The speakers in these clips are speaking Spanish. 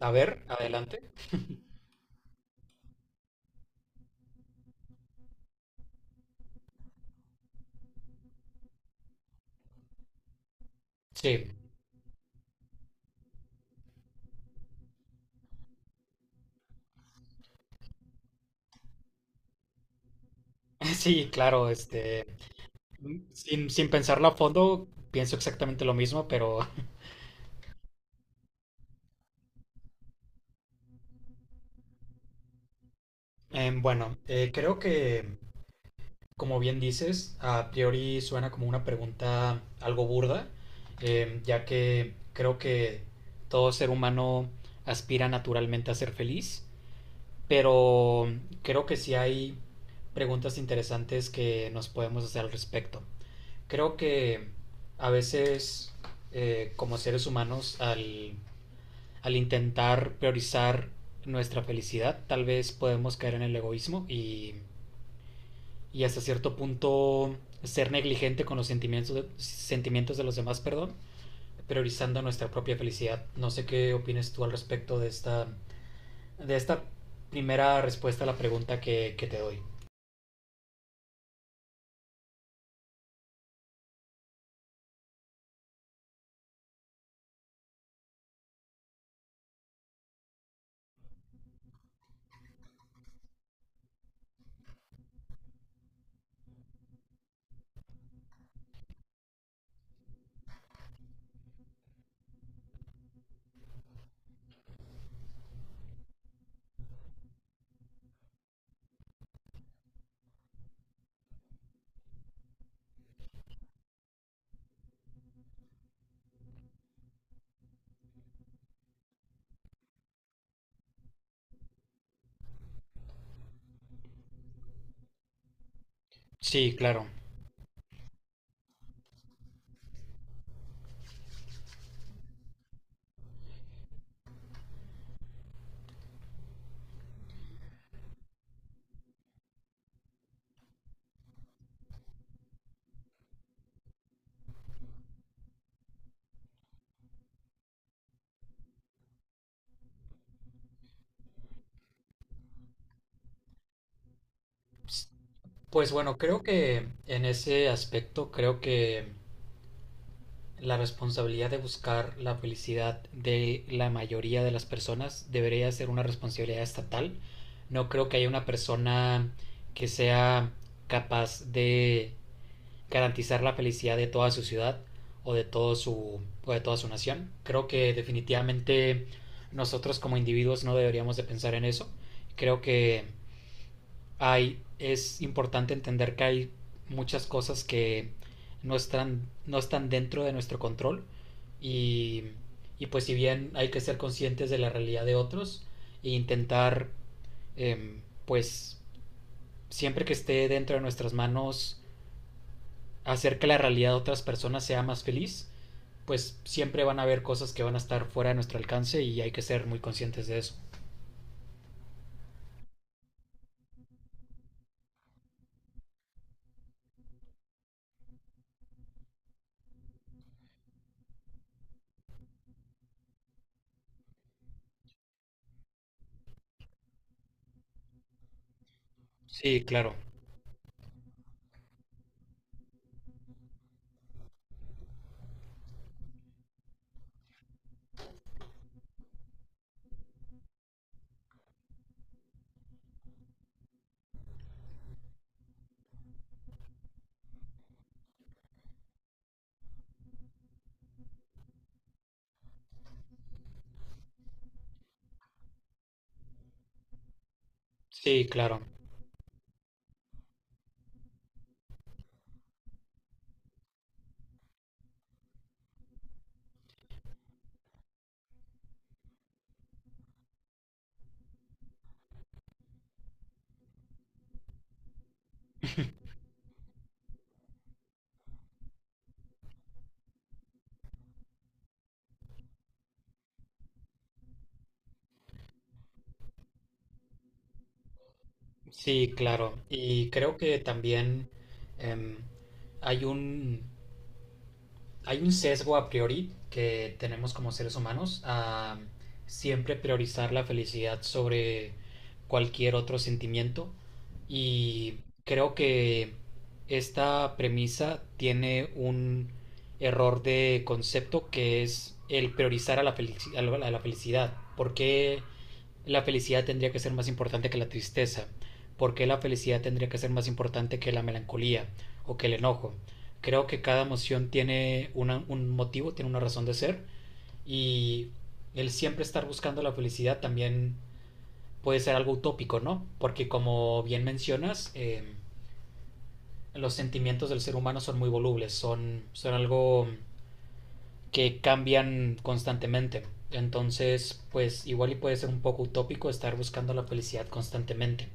A ver, adelante. Sí, sí, claro, sin pensarlo a fondo, pienso exactamente lo mismo, pero bueno, creo que, como bien dices, a priori suena como una pregunta algo burda, ya que creo que todo ser humano aspira naturalmente a ser feliz, pero creo que sí hay preguntas interesantes que nos podemos hacer al respecto. Creo que a veces como seres humanos al intentar priorizar nuestra felicidad tal vez podemos caer en el egoísmo y hasta cierto punto ser negligente con los sentimientos de los demás, perdón, priorizando nuestra propia felicidad. No sé qué opinas tú al respecto de esta primera respuesta a la pregunta que te doy. Sí, claro. Pues bueno, creo que en ese aspecto, creo que la responsabilidad de buscar la felicidad de la mayoría de las personas debería ser una responsabilidad estatal. No creo que haya una persona que sea capaz de garantizar la felicidad de toda su ciudad o de, todo su, o de toda su nación. Creo que definitivamente nosotros como individuos no deberíamos de pensar en eso. Creo que es importante entender que hay muchas cosas que no están dentro de nuestro control y, y pues si bien hay que ser conscientes de la realidad de otros e intentar eh, pues siempre que esté dentro de nuestras manos hacer que la realidad de otras personas sea más feliz, pues siempre van a haber cosas que van a estar fuera de nuestro alcance y hay que ser muy conscientes de eso. Sí, claro, sí, claro. Sí, claro. Y creo que también em, hay un, hay un sesgo a priori que tenemos como seres humanos a siempre priorizar la felicidad sobre cualquier otro sentimiento. Y creo que esta premisa tiene un error de concepto que es el priorizar a la a la a la felicidad. ¿Por qué la felicidad tendría que ser más importante que la tristeza, por qué la felicidad tendría que ser más importante que la melancolía o que el enojo? Creo que cada emoción tiene un motivo, tiene una razón de ser y el siempre estar buscando la felicidad también puede ser algo utópico, ¿no? Porque como bien mencionas, los sentimientos del ser humano son muy volubles, son algo que cambian constantemente. Entonces, pues igual y puede ser un poco utópico estar buscando la felicidad constantemente.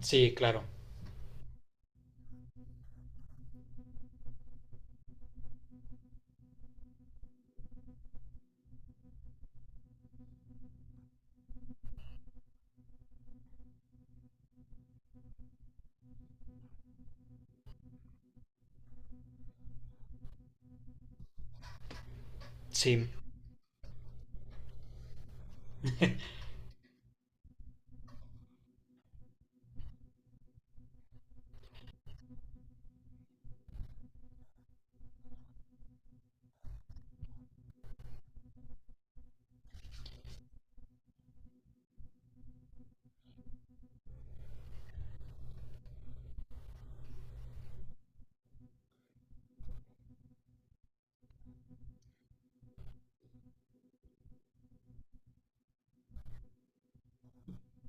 Sí, claro. Sí,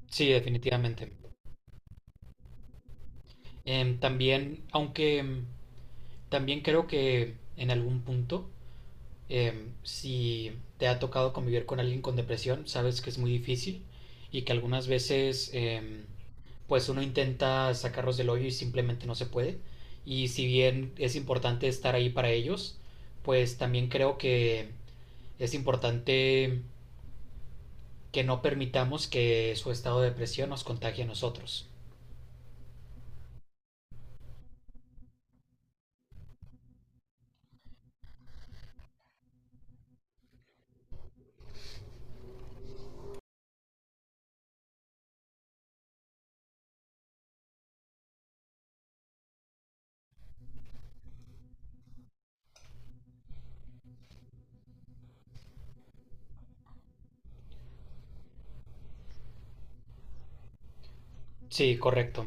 sí, definitivamente. También, aunque también creo que en algún punto, si te ha tocado convivir con alguien con depresión, sabes que es muy difícil y que algunas veces, pues uno intenta sacarlos del hoyo y simplemente no se puede. Y si bien es importante estar ahí para ellos, pues también creo que es importante que no permitamos que su estado de depresión nos contagie a nosotros. Sí, correcto.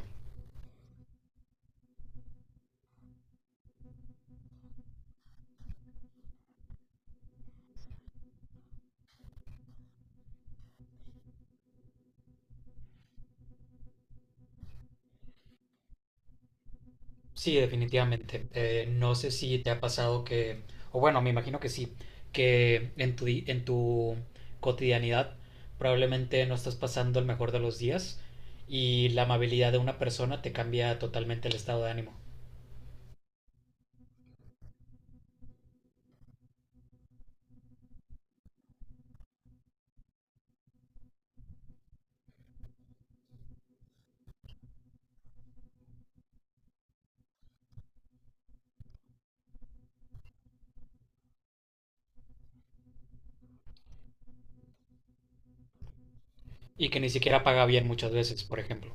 Sí, definitivamente. No sé si te ha pasado que, o bueno, me imagino que sí, que en en tu cotidianidad probablemente no estás pasando el mejor de los días y la amabilidad de una persona te cambia totalmente el estado de ánimo y que ni siquiera paga bien muchas veces, por ejemplo.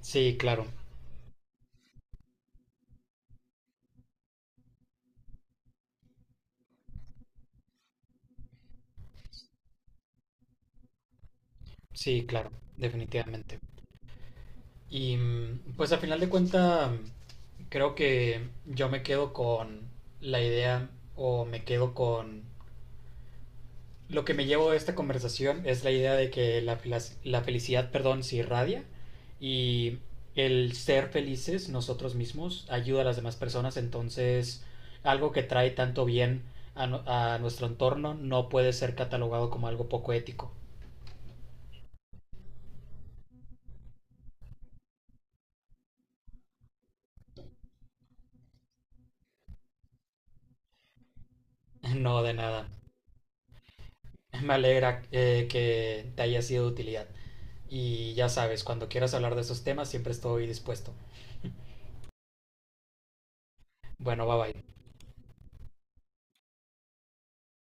Sí, claro, sí, claro, definitivamente. Y pues al final de cuentas, creo que yo me quedo con la idea o me quedo con lo que me llevo de esta conversación es la idea de que la felicidad, perdón, se irradia y el ser felices nosotros mismos ayuda a las demás personas, entonces algo que trae tanto bien a nuestro entorno no puede ser catalogado como algo poco ético. No, de nada. Me alegra que te haya sido de utilidad. Y ya sabes, cuando quieras hablar de esos temas siempre estoy dispuesto. Bueno, bye bye.